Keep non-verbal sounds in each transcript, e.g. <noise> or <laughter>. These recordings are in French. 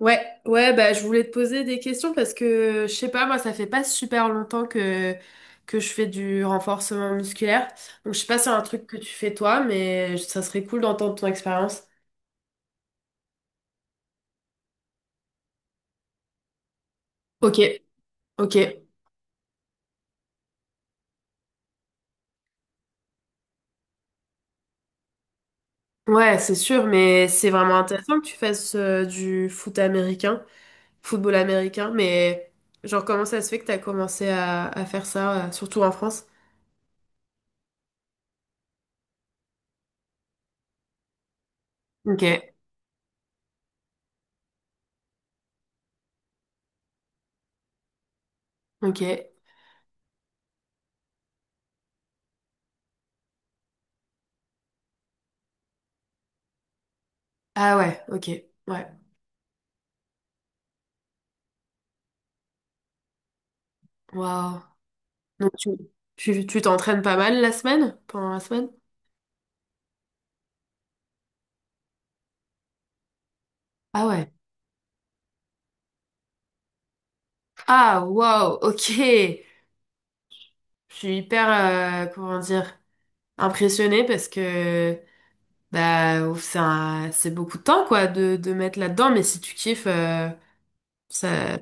Ouais, ouais, bah, je voulais te poser des questions parce que, je sais pas, moi, ça fait pas super longtemps que je fais du renforcement musculaire. Donc, je sais pas si c'est un truc que tu fais toi, mais ça serait cool d'entendre ton expérience. Ok, ok. Ouais, c'est sûr, mais c'est vraiment intéressant que tu fasses du football américain, mais genre, comment ça se fait que t'as commencé à faire ça, surtout en France? Ok, ok. Ah ouais, ok, ouais. Waouh. Donc tu t'entraînes pas mal la semaine, pendant la semaine? Ah ouais. Ah, waouh, ok. Je suis hyper, comment dire, impressionnée parce que bah, ouf, c'est beaucoup de temps quoi de mettre là-dedans, mais si tu kiffes, ça.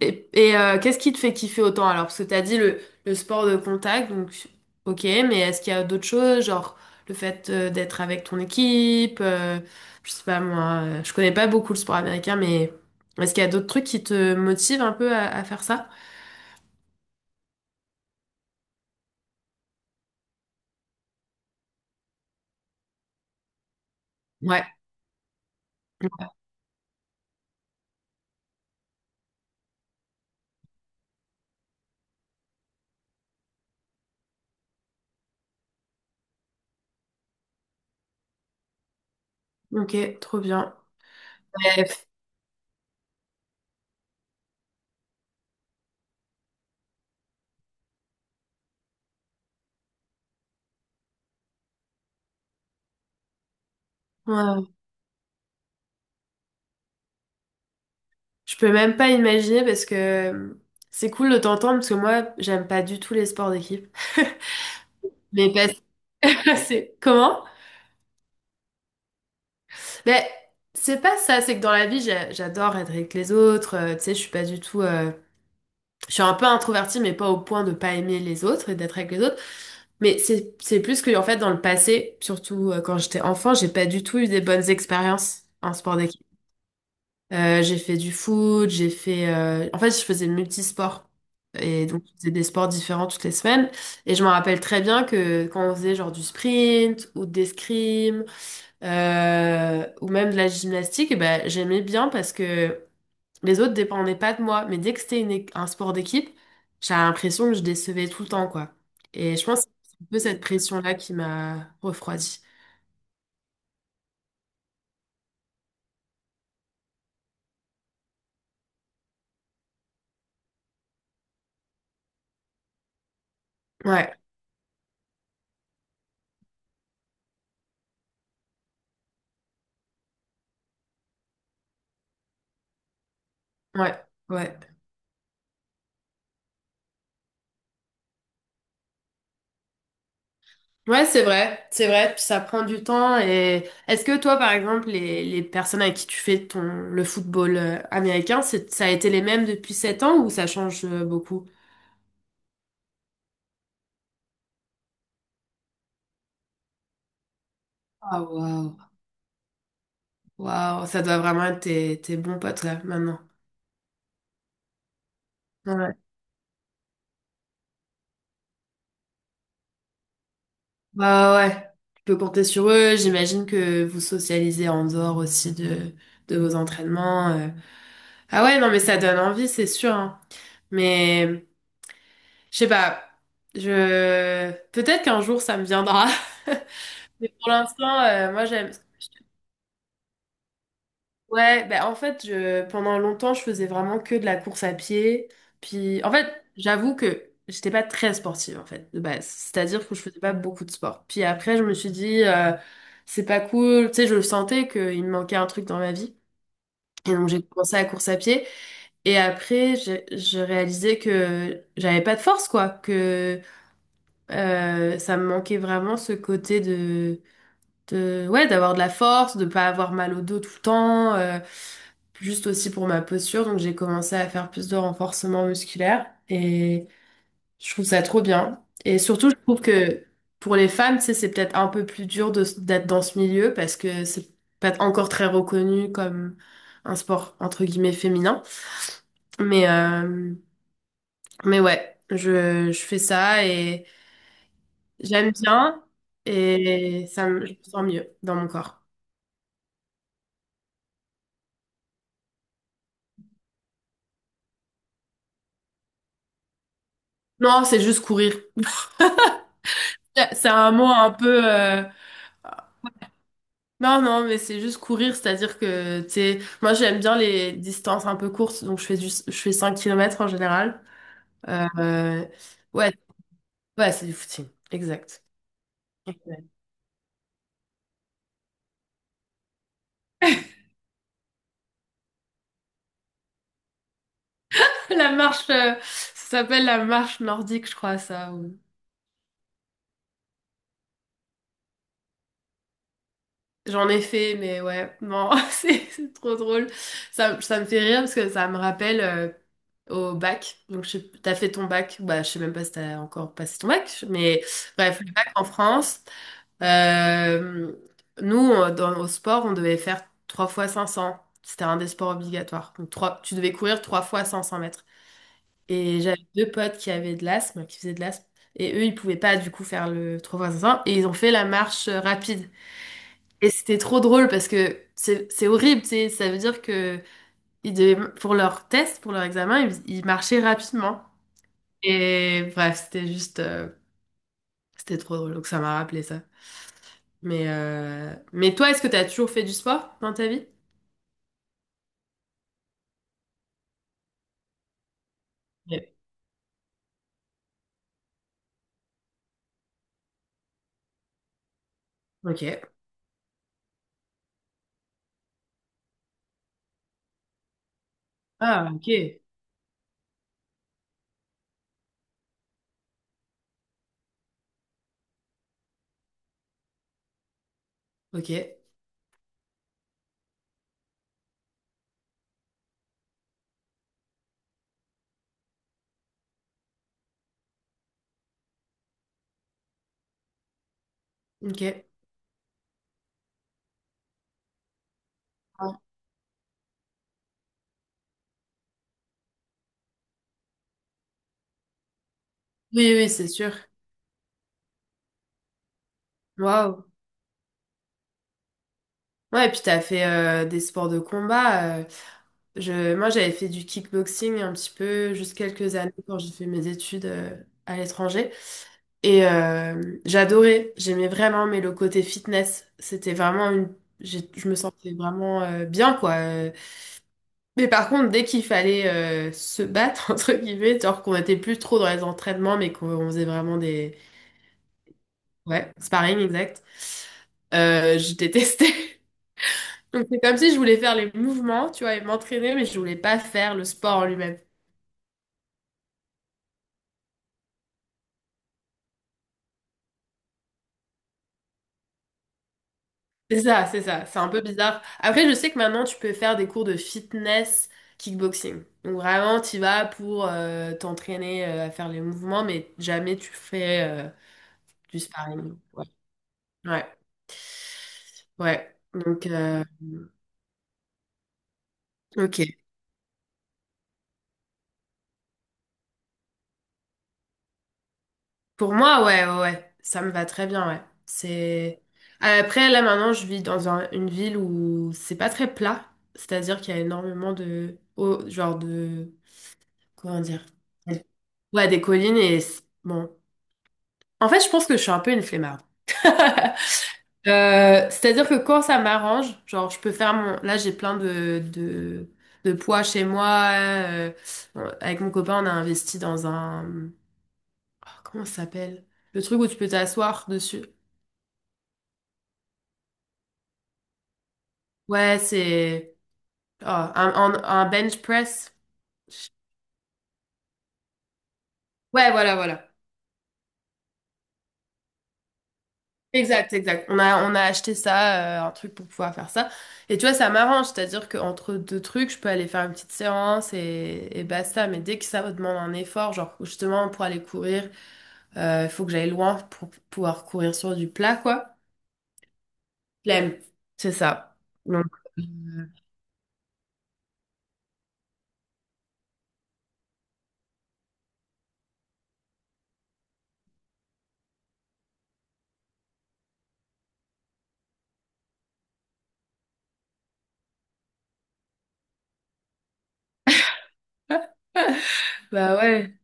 Et qu'est-ce qui te fait kiffer autant alors? Parce que t'as dit le sport de contact, donc ok, mais est-ce qu'il y a d'autres choses, genre le fait d'être avec ton équipe, je sais pas moi, je connais pas beaucoup le sport américain, mais est-ce qu'il y a d'autres trucs qui te motivent un peu à faire ça? Ouais, ok, trop bien. Bref, ouais. Je peux même pas imaginer parce que c'est cool de t'entendre parce que moi j'aime pas du tout les sports d'équipe. <laughs> Mais parce que c'est comment? Mais c'est pas ça, c'est que dans la vie, j'adore être avec les autres. Tu sais, je suis pas du tout. Je suis un peu introvertie, mais pas au point de pas aimer les autres et d'être avec les autres. Mais c'est plus que en fait, dans le passé, surtout quand j'étais enfant, j'ai pas du tout eu des bonnes expériences en sport d'équipe. J'ai fait du foot, j'ai fait. En fait, je faisais multisport. Et donc, je faisais des sports différents toutes les semaines. Et je me rappelle très bien que quand on faisait genre du sprint ou des l'escrime ou même de la gymnastique, eh ben, j'aimais bien parce que les autres dépendaient pas de moi. Mais dès que c'était un sport d'équipe, j'avais l'impression que je décevais tout le temps, quoi. Et je pense que c'est un peu cette pression-là qui m'a refroidie. Ouais, ouais, ouais. Ouais, c'est vrai, puis ça prend du temps. Et est-ce que toi, par exemple, les personnes avec qui tu fais le football américain, ça a été les mêmes depuis 7 ans ou ça change beaucoup? Ah, waouh, waouh, ça doit vraiment être tes bons potes là, maintenant. Ouais. Bah ouais, tu peux compter sur eux. J'imagine que vous socialisez en dehors aussi de vos entraînements. Ah ouais, non, mais ça donne envie, c'est sûr, hein. Mais je sais pas. Je peut-être qu'un jour ça me viendra. <laughs> Mais pour l'instant, moi j'aime. Ouais, ben en fait, pendant longtemps, je faisais vraiment que de la course à pied. Puis, en fait, j'avoue que j'étais pas très sportive, en fait, de base. C'est-à-dire que je faisais pas beaucoup de sport. Puis après, je me suis dit, c'est pas cool. Tu sais, je le sentais qu'il me manquait un truc dans ma vie. Et donc, j'ai commencé la course à pied. Et après, j'ai je réalisais que j'avais pas de force, quoi. Que Ça me manquait vraiment ce côté ouais, d'avoir de la force, de pas avoir mal au dos tout le temps, juste aussi pour ma posture. Donc j'ai commencé à faire plus de renforcement musculaire et je trouve ça trop bien. Et surtout, je trouve que pour les femmes, tu sais, c'est peut-être un peu plus dur d'être dans ce milieu parce que c'est pas encore très reconnu comme un sport entre guillemets féminin. Mais, euh, mais ouais, je fais ça et j'aime bien et je me sens mieux dans mon corps. Non, c'est juste courir. <laughs> C'est un mot un peu. Non, non, mais c'est juste courir, c'est-à-dire que, tu sais, moi j'aime bien les distances un peu courtes, donc je fais 5 kilomètres en général. Euh, Ouais, ouais, c'est du footing, exact. Ouais. <laughs> La marche, ça s'appelle la marche nordique, je crois, ça. J'en ai fait, mais ouais, non, <laughs> c'est trop drôle. Ça me fait rire parce que ça me rappelle au bac. Donc, t'as fait ton bac, bah, je sais même pas si t'as encore passé ton bac, mais bref, le bac en France. Euh, nous, au sport, on devait faire 3 fois 500. C'était un des sports obligatoires. Donc, tu devais courir 3 fois 500 mètres. Et j'avais deux potes qui avaient de l'asthme, qui faisaient de l'asthme. Et eux, ils pouvaient pas du coup faire le 3 fois 500. Et ils ont fait la marche rapide. Et c'était trop drôle parce que c'est horrible, tu sais. Ça veut dire que pour leur test, pour leur examen, ils marchaient rapidement. Et bref, c'était c'était trop drôle. Donc ça m'a rappelé ça. Mais toi, est-ce que tu as toujours fait du sport dans ta vie? Ouais. Ok. Ah, ok. Ok. Ok. Ouais. Oui, oui, c'est sûr. Waouh. Ouais, et puis t'as fait des sports de combat. Moi, j'avais fait du kickboxing un petit peu, juste quelques années quand j'ai fait mes études à l'étranger. Et j'adorais. J'aimais vraiment, mais le côté fitness, c'était vraiment une. Je me sentais vraiment bien, quoi. Mais par contre, dès qu'il fallait se battre, <laughs> entre guillemets, genre qu'on était plus trop dans les entraînements, mais qu'on on faisait vraiment des... Ouais, sparring, exact. Je détestais. <laughs> Donc c'est comme si je voulais faire les mouvements, tu vois, et m'entraîner, mais je voulais pas faire le sport en lui-même. C'est ça, c'est ça. C'est un peu bizarre. Après, je sais que maintenant, tu peux faire des cours de fitness kickboxing. Donc vraiment, tu vas pour t'entraîner à faire les mouvements, mais jamais tu fais du sparring. Ouais. Ouais. Ouais. Donc, ok. Pour moi, ouais, ouais, ouais. Ça me va très bien, ouais. C'est... Après, là, maintenant, je vis dans une ville où c'est pas très plat. C'est-à-dire qu'il y a énormément de... oh, genre de... Comment dire? Ouais, des collines et... Bon. En fait, je pense que je suis un peu une flemmarde. <laughs> C'est-à-dire que quand ça m'arrange, genre je peux faire mon... Là j'ai plein de poids chez moi. Bon, avec mon copain on a investi dans un... oh, comment ça s'appelle? Le truc où tu peux t'asseoir dessus. Ouais c'est... oh, un bench press. Ouais voilà voilà. Exact, exact. On a acheté ça, un truc pour pouvoir faire ça. Et tu vois, ça m'arrange, c'est-à-dire qu'entre deux trucs, je peux aller faire une petite séance et basta. Mais dès que ça me demande un effort, genre justement pour aller courir. Il faut que j'aille loin pour pouvoir courir sur du plat, quoi. Flemme. C'est ça. Donc, <laughs> bah ouais.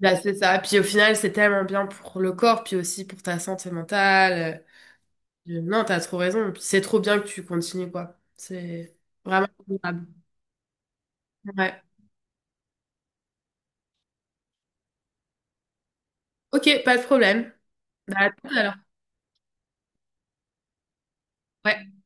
Bah, c'est ça. Puis au final, c'est tellement bien pour le corps, puis aussi pour ta santé mentale. Non, t'as trop raison. Puis c'est trop bien que tu continues, quoi. C'est vraiment admirable. Ouais. Ok, pas de problème. Bah, à tout à l'heure. Ouais.